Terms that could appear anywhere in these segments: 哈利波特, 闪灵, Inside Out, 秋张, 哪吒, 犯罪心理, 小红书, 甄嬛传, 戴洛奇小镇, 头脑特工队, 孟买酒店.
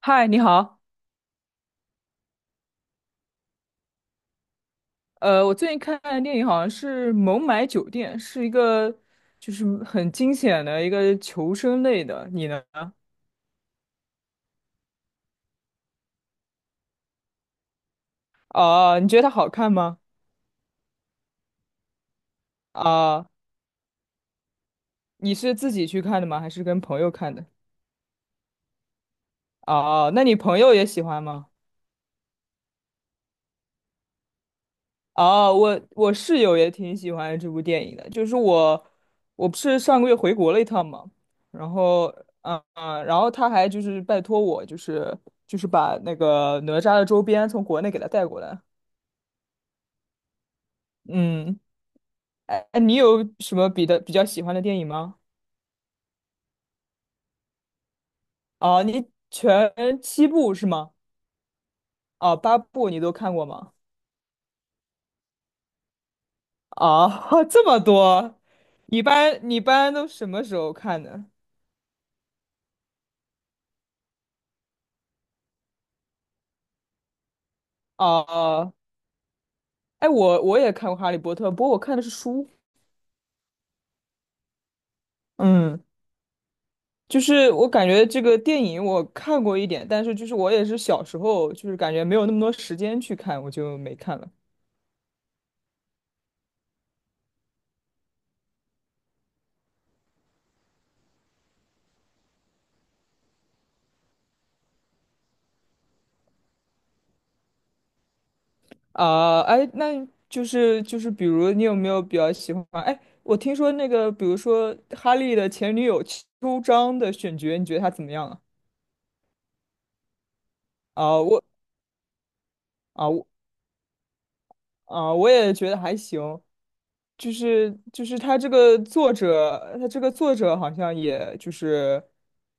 嗨，你好。我最近看的电影好像是《孟买酒店》，是一个很惊险的一个求生类的。你呢？你觉得它好看吗？啊、你是自己去看的吗？还是跟朋友看的？哦、那你朋友也喜欢吗？哦、我室友也挺喜欢这部电影的。我不是上个月回国了一趟嘛。然后，嗯嗯，然后他还拜托我，把那个哪吒的周边从国内给他带过来。嗯。哎，你有什么比较喜欢的电影吗？啊，你全7部是吗？啊，8部你都看过吗？啊，这么多。你一般都什么时候看的？啊，哎，我也看过《哈利波特》，不过我看的是书。嗯，我感觉这个电影我看过一点，但是我也是小时候，感觉没有那么多时间去看，我就没看了。啊，哎，那，比如你有没有比较喜欢？哎，我听说那个，比如说哈利的前女友秋张的选角，你觉得她怎么样啊？啊，啊我我也觉得还行。他这个作者好像也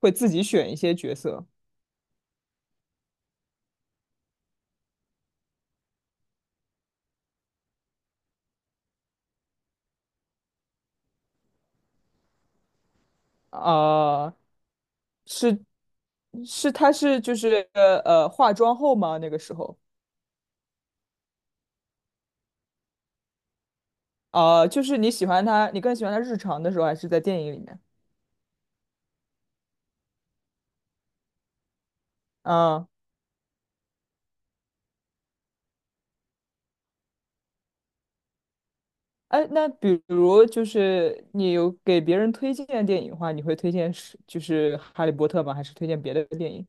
会自己选一些角色啊。是他是化妆后吗？那个时候啊，你喜欢他，你更喜欢他日常的时候，还是在电影里面？嗯，哎，那比如你有给别人推荐电影的话，你会推荐《哈利波特》吗？还是推荐别的电影？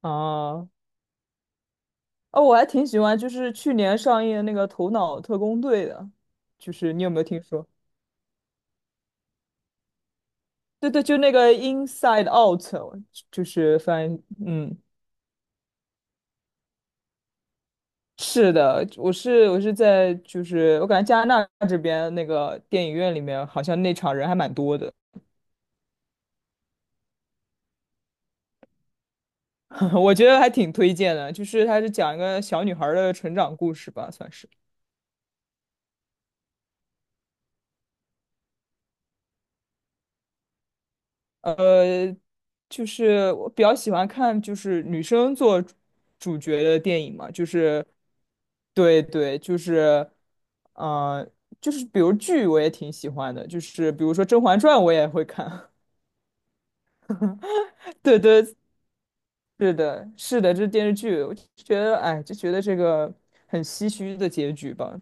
啊，哦，我还挺喜欢去年上映的那个《头脑特工队》的，你有没有听说？对对，就那个《Inside Out》，就是翻译，嗯，是的。我是在就是我感觉加拿大这边那个电影院里面，好像那场人还蛮多的。我觉得还挺推荐的，它是讲一个小女孩儿的成长故事吧，算是。呃，我比较喜欢看女生做主角的电影嘛。对对。呃，比如剧我也挺喜欢的，比如说《甄嬛传》我也会看。对对，是的，是的，这是电视剧，我就觉得哎，就觉得这个很唏嘘的结局吧。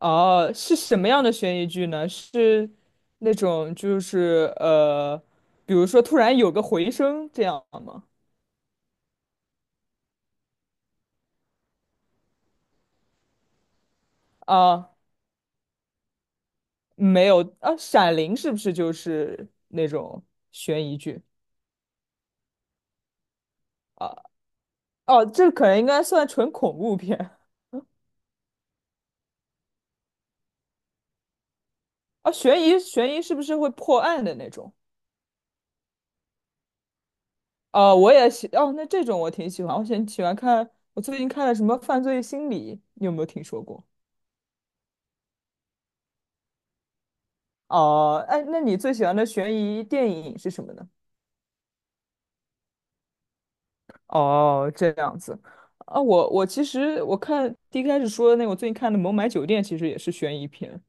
哦，是什么样的悬疑剧呢？是那种比如说突然有个回声这样吗？啊，没有啊。《闪灵》是不是就是那种悬疑剧啊？哦，这可能应该算纯恐怖片啊。悬疑是不是会破案的那种？哦，我也喜哦，那这种我挺喜欢，我喜欢看。我最近看了什么《犯罪心理》，你有没有听说过？哦，哎，那你最喜欢的悬疑电影是什么呢？哦，这样子啊，我其实看第一开始说的那个，我最近看的《孟买酒店》其实也是悬疑片。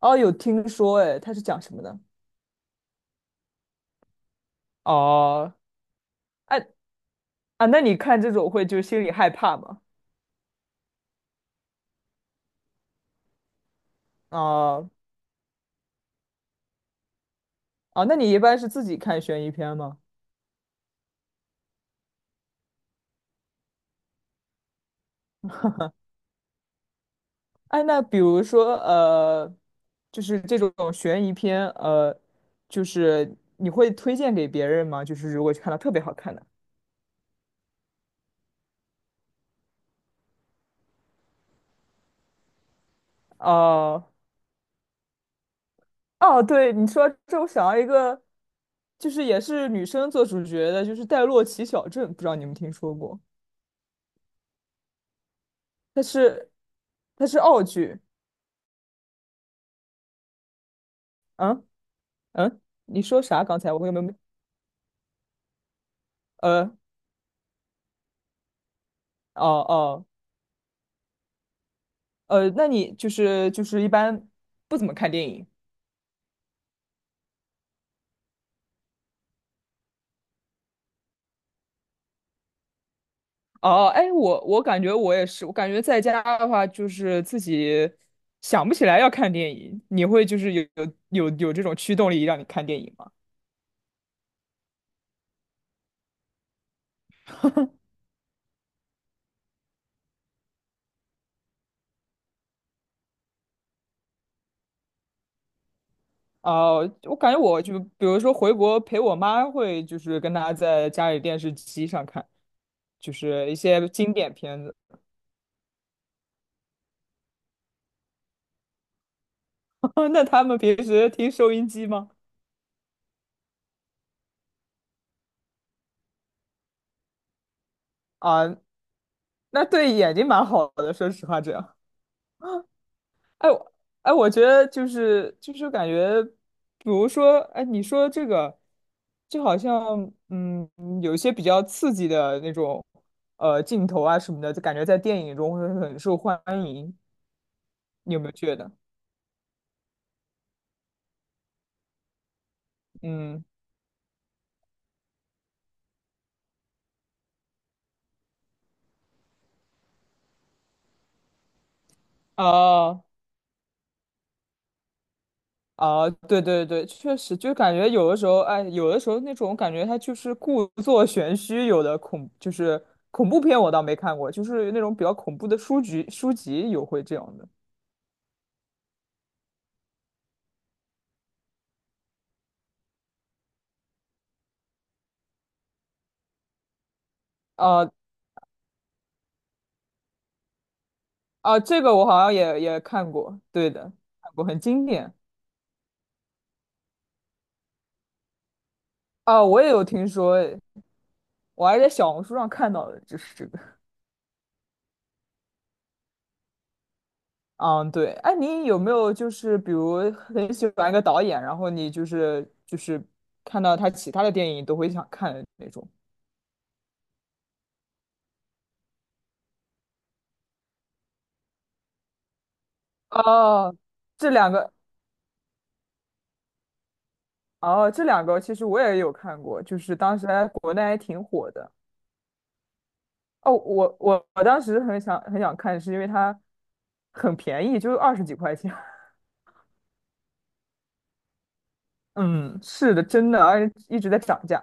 哦，有听说。哎，它是讲什么的？哦，哎那你看这种会心里害怕吗？哦哦，那你一般是自己看悬疑片吗？哎，那比如说这种悬疑片，你会推荐给别人吗？如果看到特别好看的，哦、哦，对，你说这，我想到一个，也是女生做主角的，《戴洛奇小镇》，不知道你们听说过？它是它是澳剧。嗯嗯，你说啥？刚才我有没有？呃，哦哦，那你一般不怎么看电影哦？哎，我感觉我也是，我感觉在家的话，自己想不起来要看电影，你会有这种驱动力让你看电影吗？哦，我感觉我就比如说回国陪我妈，会跟她在家里电视机上看，一些经典片子。那他们平时听收音机吗？啊，那对眼睛蛮好的，说实话，这样。哎，我哎，我觉得感觉，比如说，哎，你说这个，就好像有一些比较刺激的那种镜头啊什么的，就感觉在电影中会很受欢迎，你有没有觉得？嗯。哦哦，对对对，确实，就感觉有的时候，哎，有的时候那种感觉，它就是故作 玄虚。有的恐就是恐怖片，我倒没看过，就是那种比较恐怖的书籍，书籍有会这样的。啊啊，这个我好像也看过，对的。看过，很经典。啊，我也有听说。哎，我还在小红书上看到的，就是这个。嗯，对，哎，你有没有比如很喜欢一个导演，然后你看到他其他的电影都会想看的那种？哦，这两个哦，这两个其实我也有看过，就是当时在国内还挺火的。哦，我当时很想很想看，是因为它很便宜，就20几块钱。嗯，是的，真的，而且一直在涨价。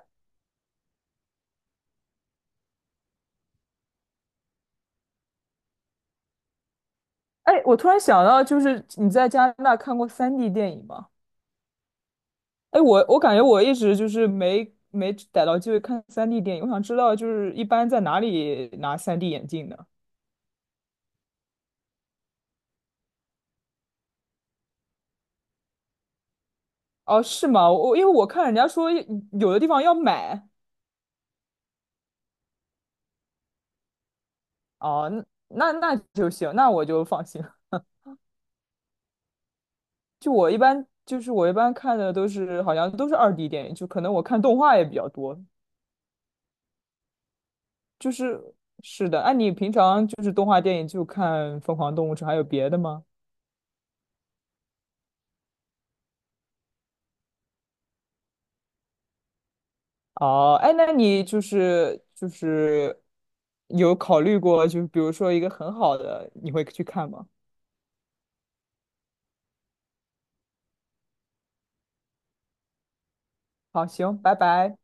哎，我突然想到，你在加拿大看过三 d 电影吗？哎，我感觉我一直没逮到机会看三 d 电影，我想知道一般在哪里拿三 d 眼镜呢？哦，是吗？我因为我看人家说有的地方要买。哦，那就行，那我就放心了。就我一般就是我一般看的都是好像都是2D 电影，就可能我看动画也比较多。就是是的。你平常动画电影就看《疯狂动物城》，还有别的吗？哦，哎，那你有考虑过，比如说一个很好的，你会去看吗？好，行，拜拜。